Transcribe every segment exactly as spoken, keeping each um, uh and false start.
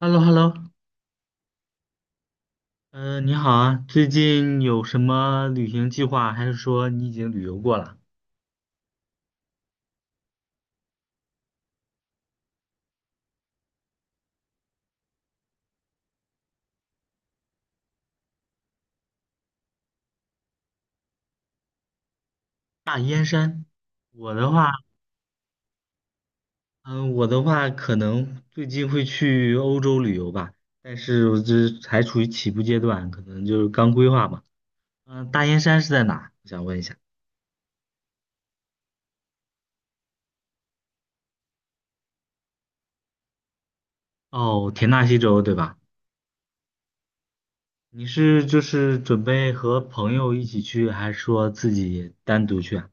h e l l o h e l l o 嗯，你好啊，最近有什么旅行计划？还是说你已经旅游过了？大燕山，我的话，嗯，我的话可能最近会去欧洲旅游吧，但是我这还处于起步阶段，可能就是刚规划嘛。嗯，大燕山是在哪？我想问一下。哦，田纳西州对吧？你是就是准备和朋友一起去，还是说自己单独去啊？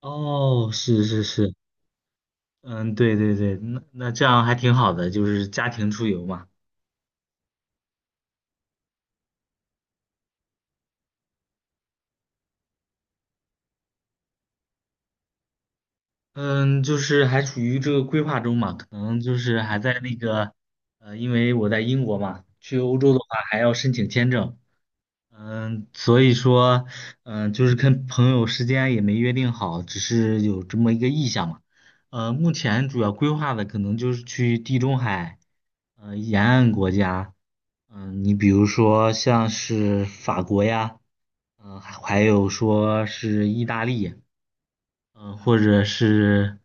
哦，是是是，嗯，对对对，那那这样还挺好的，就是家庭出游嘛。嗯，就是还处于这个规划中嘛，可能就是还在那个，呃，因为我在英国嘛，嗯，所以说，嗯，就是跟朋友时间也没约定好，只是有这么一个意向嘛。呃，目前主要规划的可能就是去地中海，呃，沿岸国家，嗯，你比如说像是法国呀，嗯，还还有说是意大利。嗯、或者是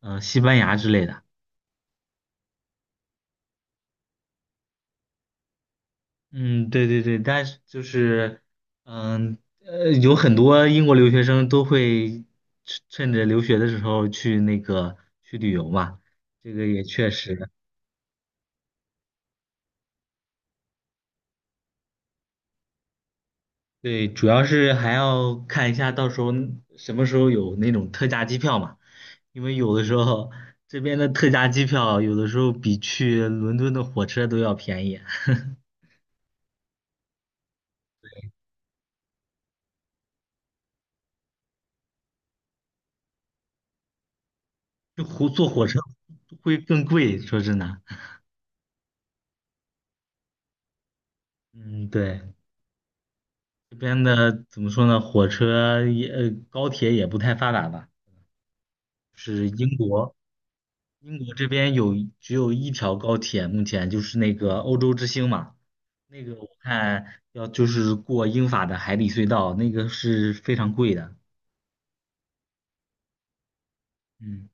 嗯、呃西班牙之类的。嗯，对对对，但是就是嗯呃，有很多英国留学生都会趁趁着留学的时候去那个去旅游嘛，这个也确实。对，主要是还要看一下到时候什么时候有那种特价机票嘛，因为有的时候这边的特价机票有的时候比去伦敦的火车都要便宜，就火坐火车会更贵，说真的。嗯，对，这边的怎么说呢？火车也，呃，高铁也不太发达吧。是英国，英国这边有只有一条高铁，目前就是那个欧洲之星嘛。那个我看要就是过英法的海底隧道，那个是非常贵的。嗯。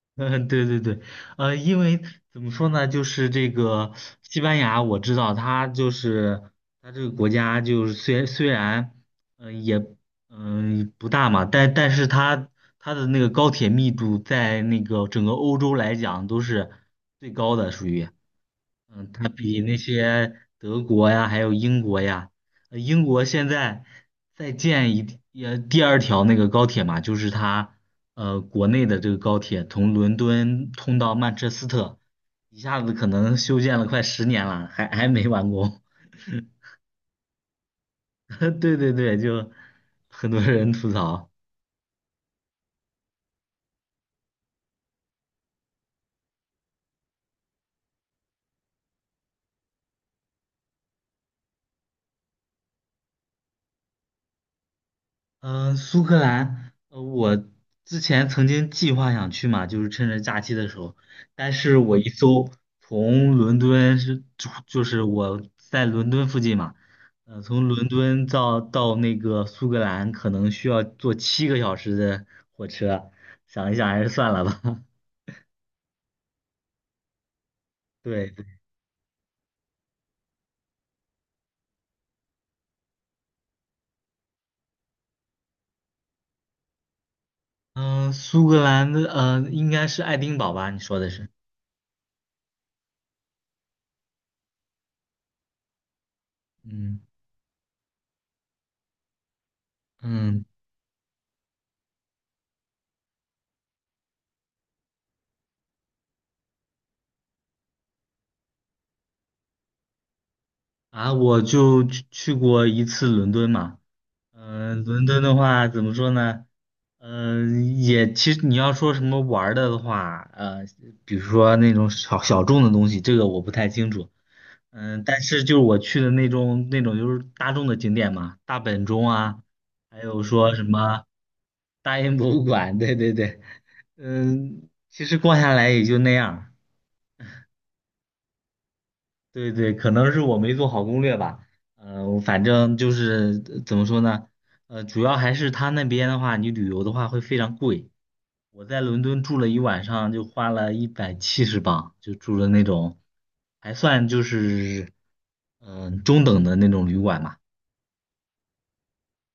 嗯，对对对，呃，因为怎么说呢，就是这个西班牙，我知道它就是它这个国家，就是虽虽然，嗯、也嗯、不大嘛，但但是它它的那个高铁密度在那个整个欧洲来讲都是最高的，属于。嗯，它比那些德国呀，还有英国呀，呃，英国现在在建一也第二条那个高铁嘛，就是它呃国内的这个高铁从伦敦通到曼彻斯特，一下子可能修建了快十年了，还还没完工。对对对，就很多人吐槽。嗯，苏格兰，呃，我之前曾经计划想去嘛，就是趁着假期的时候，但是我一搜，从伦敦是，就就是我在伦敦附近嘛，呃，从伦敦到到那个苏格兰可能需要坐七个小时的火车，想一想还是算了吧。对，对嗯，苏格兰的，呃，应该是爱丁堡吧？你说的是，嗯嗯，啊，我就去去过一次伦敦嘛。嗯，伦敦的话怎么说呢？嗯，也其实你要说什么玩儿的的话，呃，比如说那种小小众的东西，这个我不太清楚。嗯，但是就是我去的那种那种就是大众的景点嘛，大本钟啊，还有说什么大英博物馆，对对对，嗯，其实逛下来也就那样儿对对，可能是我没做好攻略吧。呃，我反正就是呃怎么说呢，呃，主要还是他那边的话，你旅游的话会非常贵。我在伦敦住了一晚上，就花了一百七十镑，就住的那种，还算就是嗯、呃中等的那种旅馆嘛。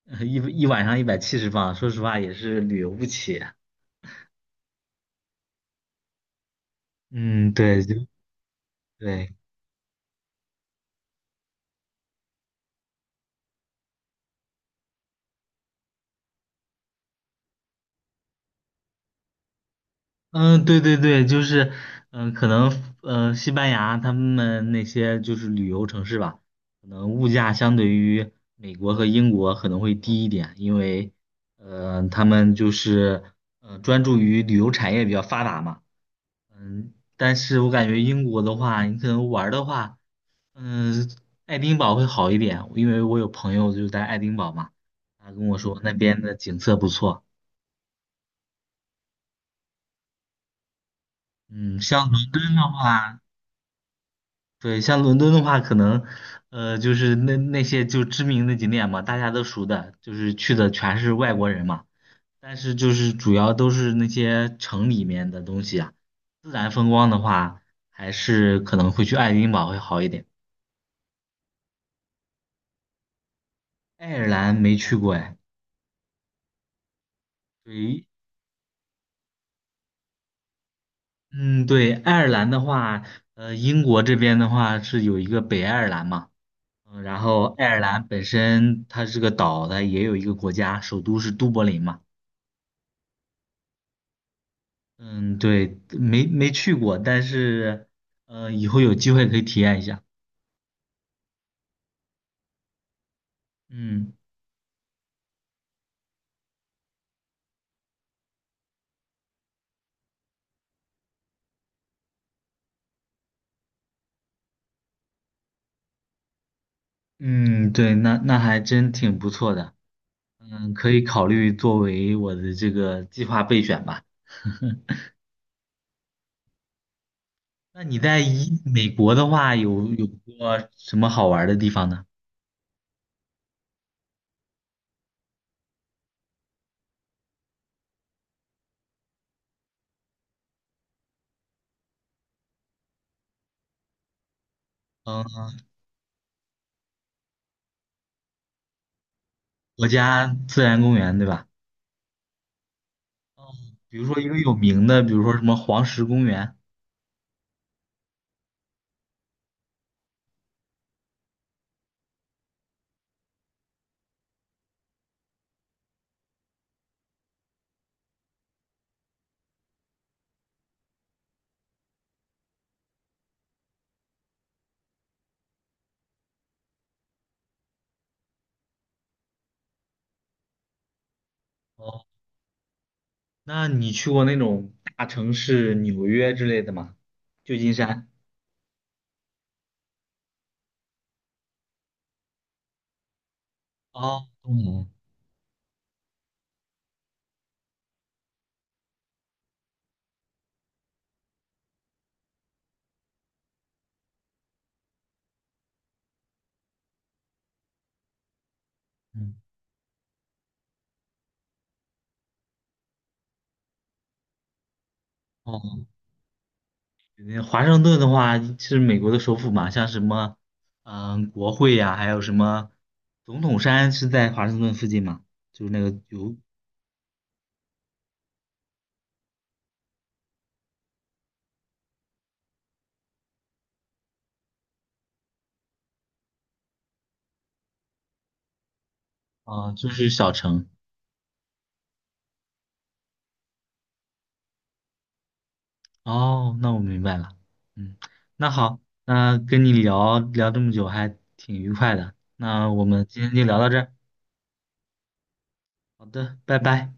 一一晚上一百七十镑，说实话也是旅游不起。嗯，对，就对。嗯，对对对，就是，嗯，可能，呃，西班牙他们那些就是旅游城市吧，可能物价相对于美国和英国可能会低一点，因为，呃，他们就是，呃，专注于旅游产业比较发达嘛，嗯，但是我感觉英国的话，你可能玩儿的话，嗯，爱丁堡会好一点，因为我有朋友就在爱丁堡嘛，他跟我说那边的景色不错，嗯，像伦敦的话。对，像伦敦的话，可能，呃，就是那那些就知名的景点嘛，大家都熟的，就是去的全是外国人嘛。但是就是主要都是那些城里面的东西啊，自然风光的话，还是可能会去爱丁堡会好一点。爱尔兰没去过哎，对，嗯，对，爱尔兰的话，呃，英国这边的话是有一个北爱尔兰嘛，嗯，然后爱尔兰本身它是个岛，它也有一个国家，首都是都柏林嘛。嗯，对，没没去过，但是，呃，以后有机会可以体验一下。嗯嗯，对，那那还真挺不错的。嗯，可以考虑作为我的这个计划备选吧。那你在一美国的话，有有过什么好玩儿的地方呢？嗯，国家自然公园对吧？哦，比如说一个有名的，比如说什么黄石公园。哦，那你去过那种大城市，纽约之类的吗？旧金山。哦，东南亚嗯，哦，那华盛顿的话是美国的首府嘛，像什么，嗯，国会呀、还有什么总统山是在华盛顿附近嘛，就是那个有，啊、就是小城。哦，那我明白了。嗯，那好，那跟你聊聊这么久还挺愉快的，那我们今天就聊到这儿好的，拜拜。